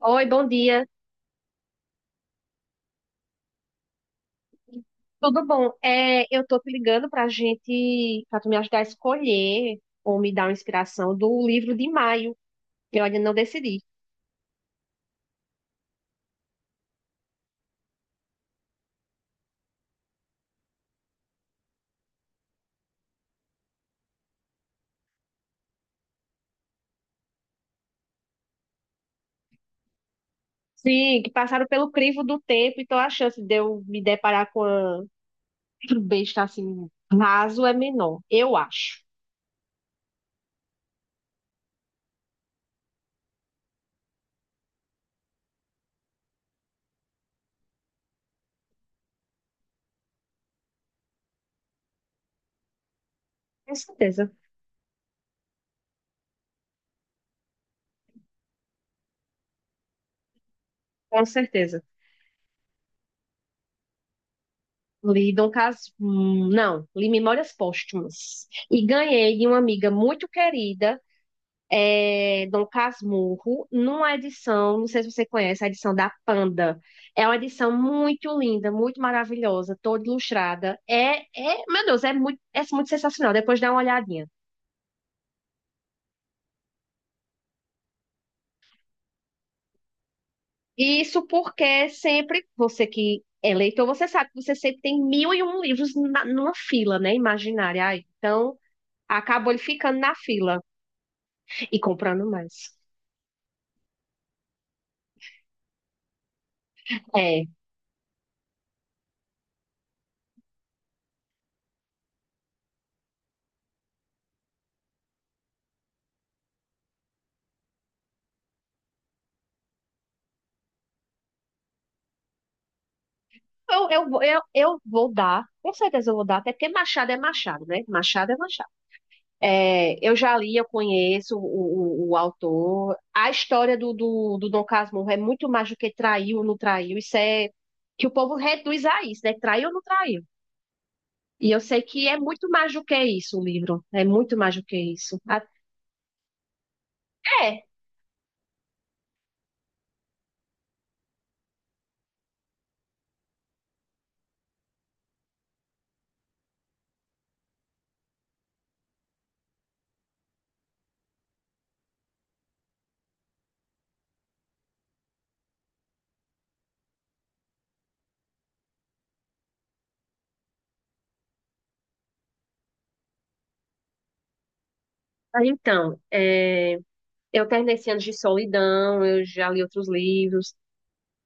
Oi, bom dia. Tudo bom? Eu tô te ligando pra gente, pra tu me ajudar a escolher ou me dar uma inspiração do livro de maio. Eu ainda não decidi. Sim, que passaram pelo crivo do tempo, então a chance de eu me deparar com uma besta assim raso é menor, eu acho. Com certeza, com certeza. Não, li Memórias Póstumas. E ganhei de uma amiga muito querida Dom Casmurro, numa edição, não sei se você conhece, a edição da Panda. É uma edição muito linda, muito maravilhosa, toda ilustrada. Meu Deus, é muito sensacional. Depois dá uma olhadinha. Isso porque sempre, você que é leitor, você sabe que você sempre tem mil e um livros numa fila, né? Imaginária. Aí, então, acabou ele ficando na fila e comprando mais. É. Eu vou dar, com certeza eu vou dar, até porque Machado é Machado, né? Machado é Machado. Eu já li, eu conheço o autor. A história do Dom Casmurro é muito mais do que traiu ou não traiu. Isso é que o povo reduz a isso, né? Traiu ou não traiu. E eu sei que é muito mais do que isso o livro. É muito mais do que isso. É, Aí então, eu terminei esse ano de solidão, eu já li outros livros.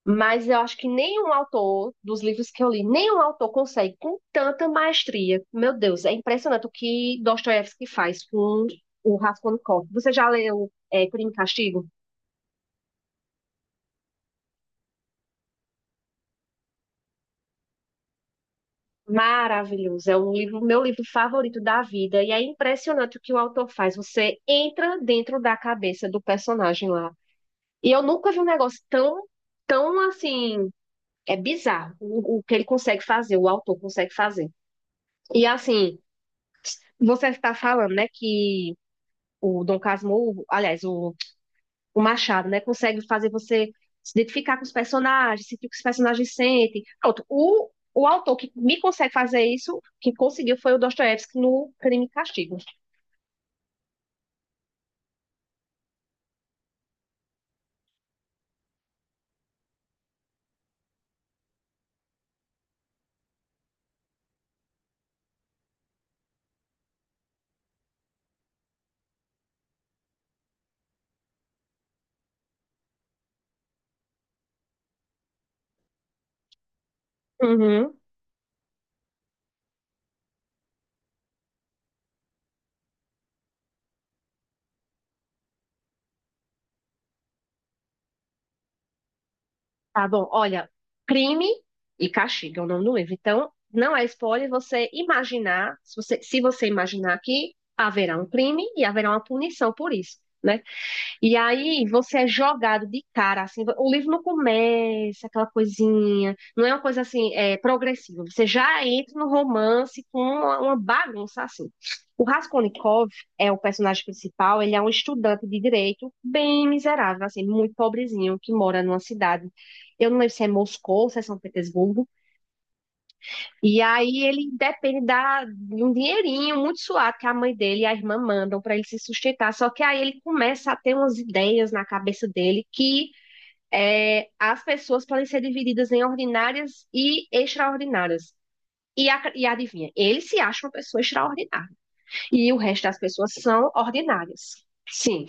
Mas eu acho que nenhum autor, dos livros que eu li, nenhum autor consegue com tanta maestria. Meu Deus, é impressionante o que Dostoiévski faz com o Raskolnikov. Você já leu Crime e Castigo? Maravilhoso, é um livro, meu livro favorito da vida, e é impressionante o que o autor faz. Você entra dentro da cabeça do personagem lá. E eu nunca vi um negócio tão, tão assim, é bizarro o que ele consegue fazer, o autor consegue fazer. E assim, você está falando, né, que o Dom Casmurro, aliás, o Machado, né, consegue fazer você se identificar com os personagens, sentir o que os personagens sentem. Pronto, o autor que me consegue fazer isso, que conseguiu, foi o Dostoiévski no Crime e Castigo. Uhum, tá bom, olha, Crime e Castigo é o nome do livro. Então, não é spoiler você imaginar, se você imaginar que haverá um crime e haverá uma punição por isso, né? E aí você é jogado de cara, assim, o livro não começa aquela coisinha, não é uma coisa assim, progressiva. Você já entra no romance com uma bagunça assim. O Raskolnikov é o personagem principal, ele é um estudante de direito bem miserável, assim, muito pobrezinho, que mora numa cidade. Eu não lembro se é Moscou, se é São Petersburgo, e aí ele depende de um dinheirinho muito suado que a mãe dele e a irmã mandam para ele se sustentar. Só que aí ele começa a ter umas ideias na cabeça dele que as pessoas podem ser divididas em ordinárias e extraordinárias. E adivinha, ele se acha uma pessoa extraordinária. E o resto das pessoas são ordinárias. Sim,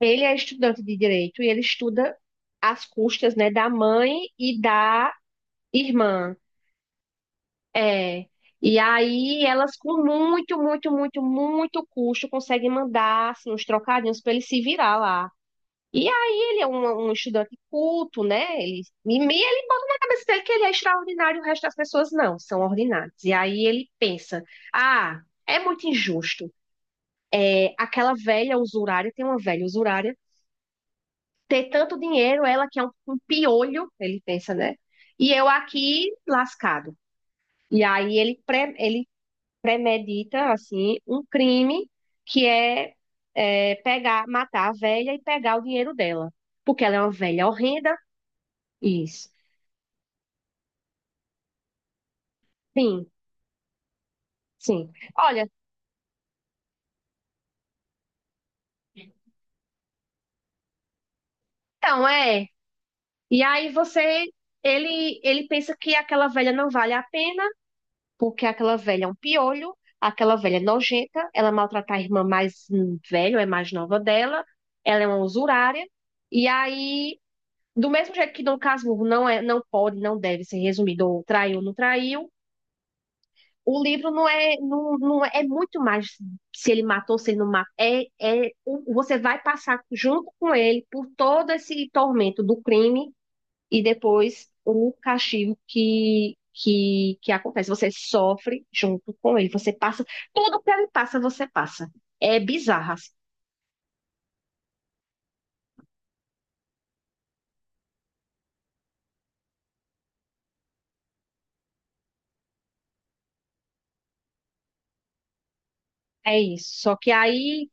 ele é estudante de direito e ele estuda às custas, né, da mãe e da irmã. É. E aí elas com muito, muito, muito, muito custo conseguem mandar assim, uns trocadinhos para ele se virar lá. E aí ele é um estudante culto, né? Ele na cabeça dele que ele é extraordinário, o resto das pessoas não, são ordinárias. E aí ele pensa, ah, é muito injusto. Tem uma velha usurária, ter tanto dinheiro, ela que é um piolho, ele pensa, né? E eu aqui lascado. E aí ele premedita, assim, um crime que é pegar, matar a velha e pegar o dinheiro dela. Porque ela é uma velha horrenda. Isso. Sim, sim. Olha, então é. E aí ele pensa que aquela velha não vale a pena, porque aquela velha é um piolho, aquela velha é nojenta, ela maltrata a irmã mais velha, ou é mais nova dela, ela é uma usurária. E aí, do mesmo jeito que Dom Casmurro não é, não pode, não deve ser resumido ou traiu, ou não traiu, o livro não é muito mais se ele matou, se ele não matou. Você vai passar junto com ele por todo esse tormento do crime e depois o castigo que acontece. Você sofre junto com ele. Você passa, tudo que ele passa, você passa. É bizarro, assim. É isso. Só que aí,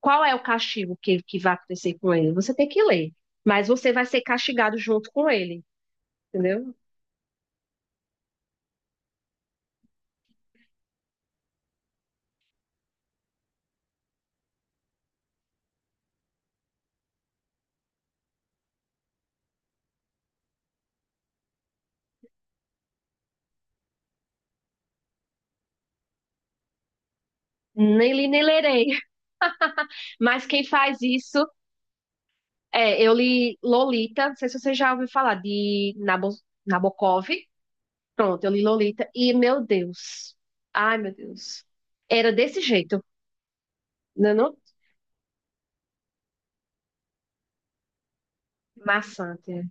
qual é o castigo que vai acontecer com ele? Você tem que ler, mas você vai ser castigado junto com ele, entendeu? Nem li, nem lerei. Mas quem faz isso eu li Lolita, não sei se você já ouviu falar de Nabokov. Pronto, eu li Lolita e meu Deus. Ai, meu Deus. Era desse jeito. Não, é não maçante.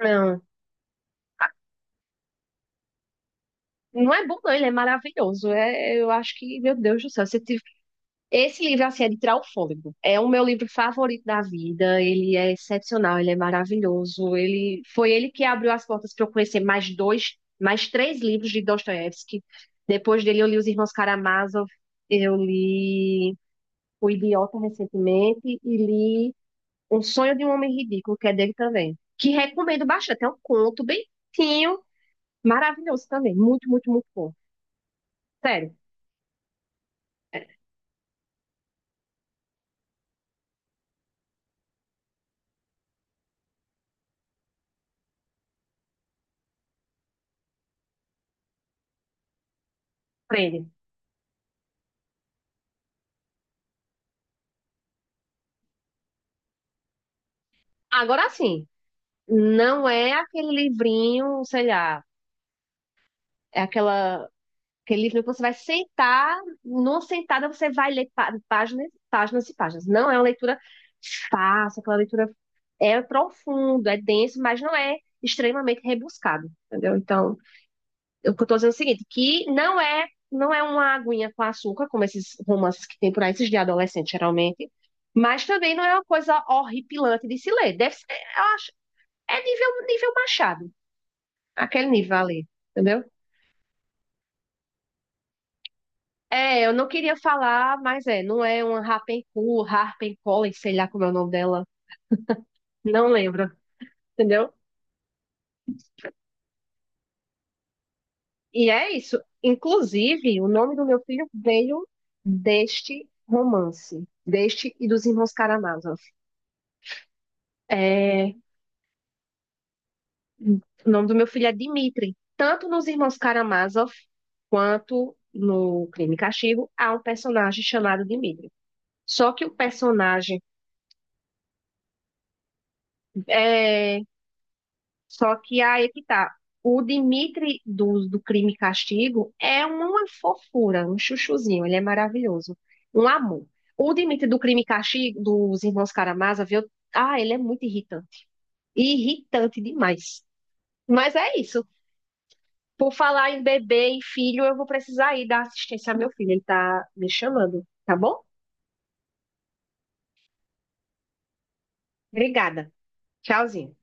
Não, não é bom não, ele é maravilhoso. Eu acho que, meu Deus do céu, se Esse livro, assim, é de tirar o fôlego. É o meu livro favorito da vida. Ele é excepcional, ele é maravilhoso. Ele foi ele que abriu as portas para eu conhecer mais dois, mais três livros de Dostoiévski. Depois dele, eu li Os Irmãos Karamazov, eu li O Idiota recentemente e li Um Sonho de um Homem Ridículo, que é dele também. Que recomendo bastante. É um conto bem curtinho, maravilhoso também. Muito, muito, muito bom. Sério, prende. Agora sim. Não é aquele livrinho, sei lá, é aquele livro que você vai sentar, numa sentada você vai ler páginas, páginas e páginas. Não é uma leitura fácil, aquela leitura é profundo, é denso, mas não é extremamente rebuscado, entendeu? Então, eu estou dizendo é o seguinte, que não é uma aguinha com açúcar, como esses romances que tem por aí, esses de adolescente, geralmente, mas também não é uma coisa horripilante de se ler. Deve ser, eu acho, é nível, nível Machado. Aquele nível ali, entendeu? Eu não queria falar, mas não é uma Rapunzel, Harpencollen, sei lá como é o nome dela. Não lembro, entendeu? E é isso. Inclusive, o nome do meu filho veio deste romance, deste e dos Irmãos Karamazov. É, o nome do meu filho é Dmitri. Tanto nos Irmãos Karamazov quanto no Crime e Castigo, há um personagem chamado Dmitri. Só que o personagem é, Só que aí é que tá. O Dimitri dos do Crime e Castigo é uma fofura, um chuchuzinho, ele é maravilhoso, um amor. O Dimitri do Crime e Castigo dos Irmãos Karamazov, ah, ele é muito irritante, irritante demais. Mas é isso. Por falar em bebê e filho, eu vou precisar ir dar assistência ao meu filho, ele tá me chamando, tá bom? Obrigada. Tchauzinho.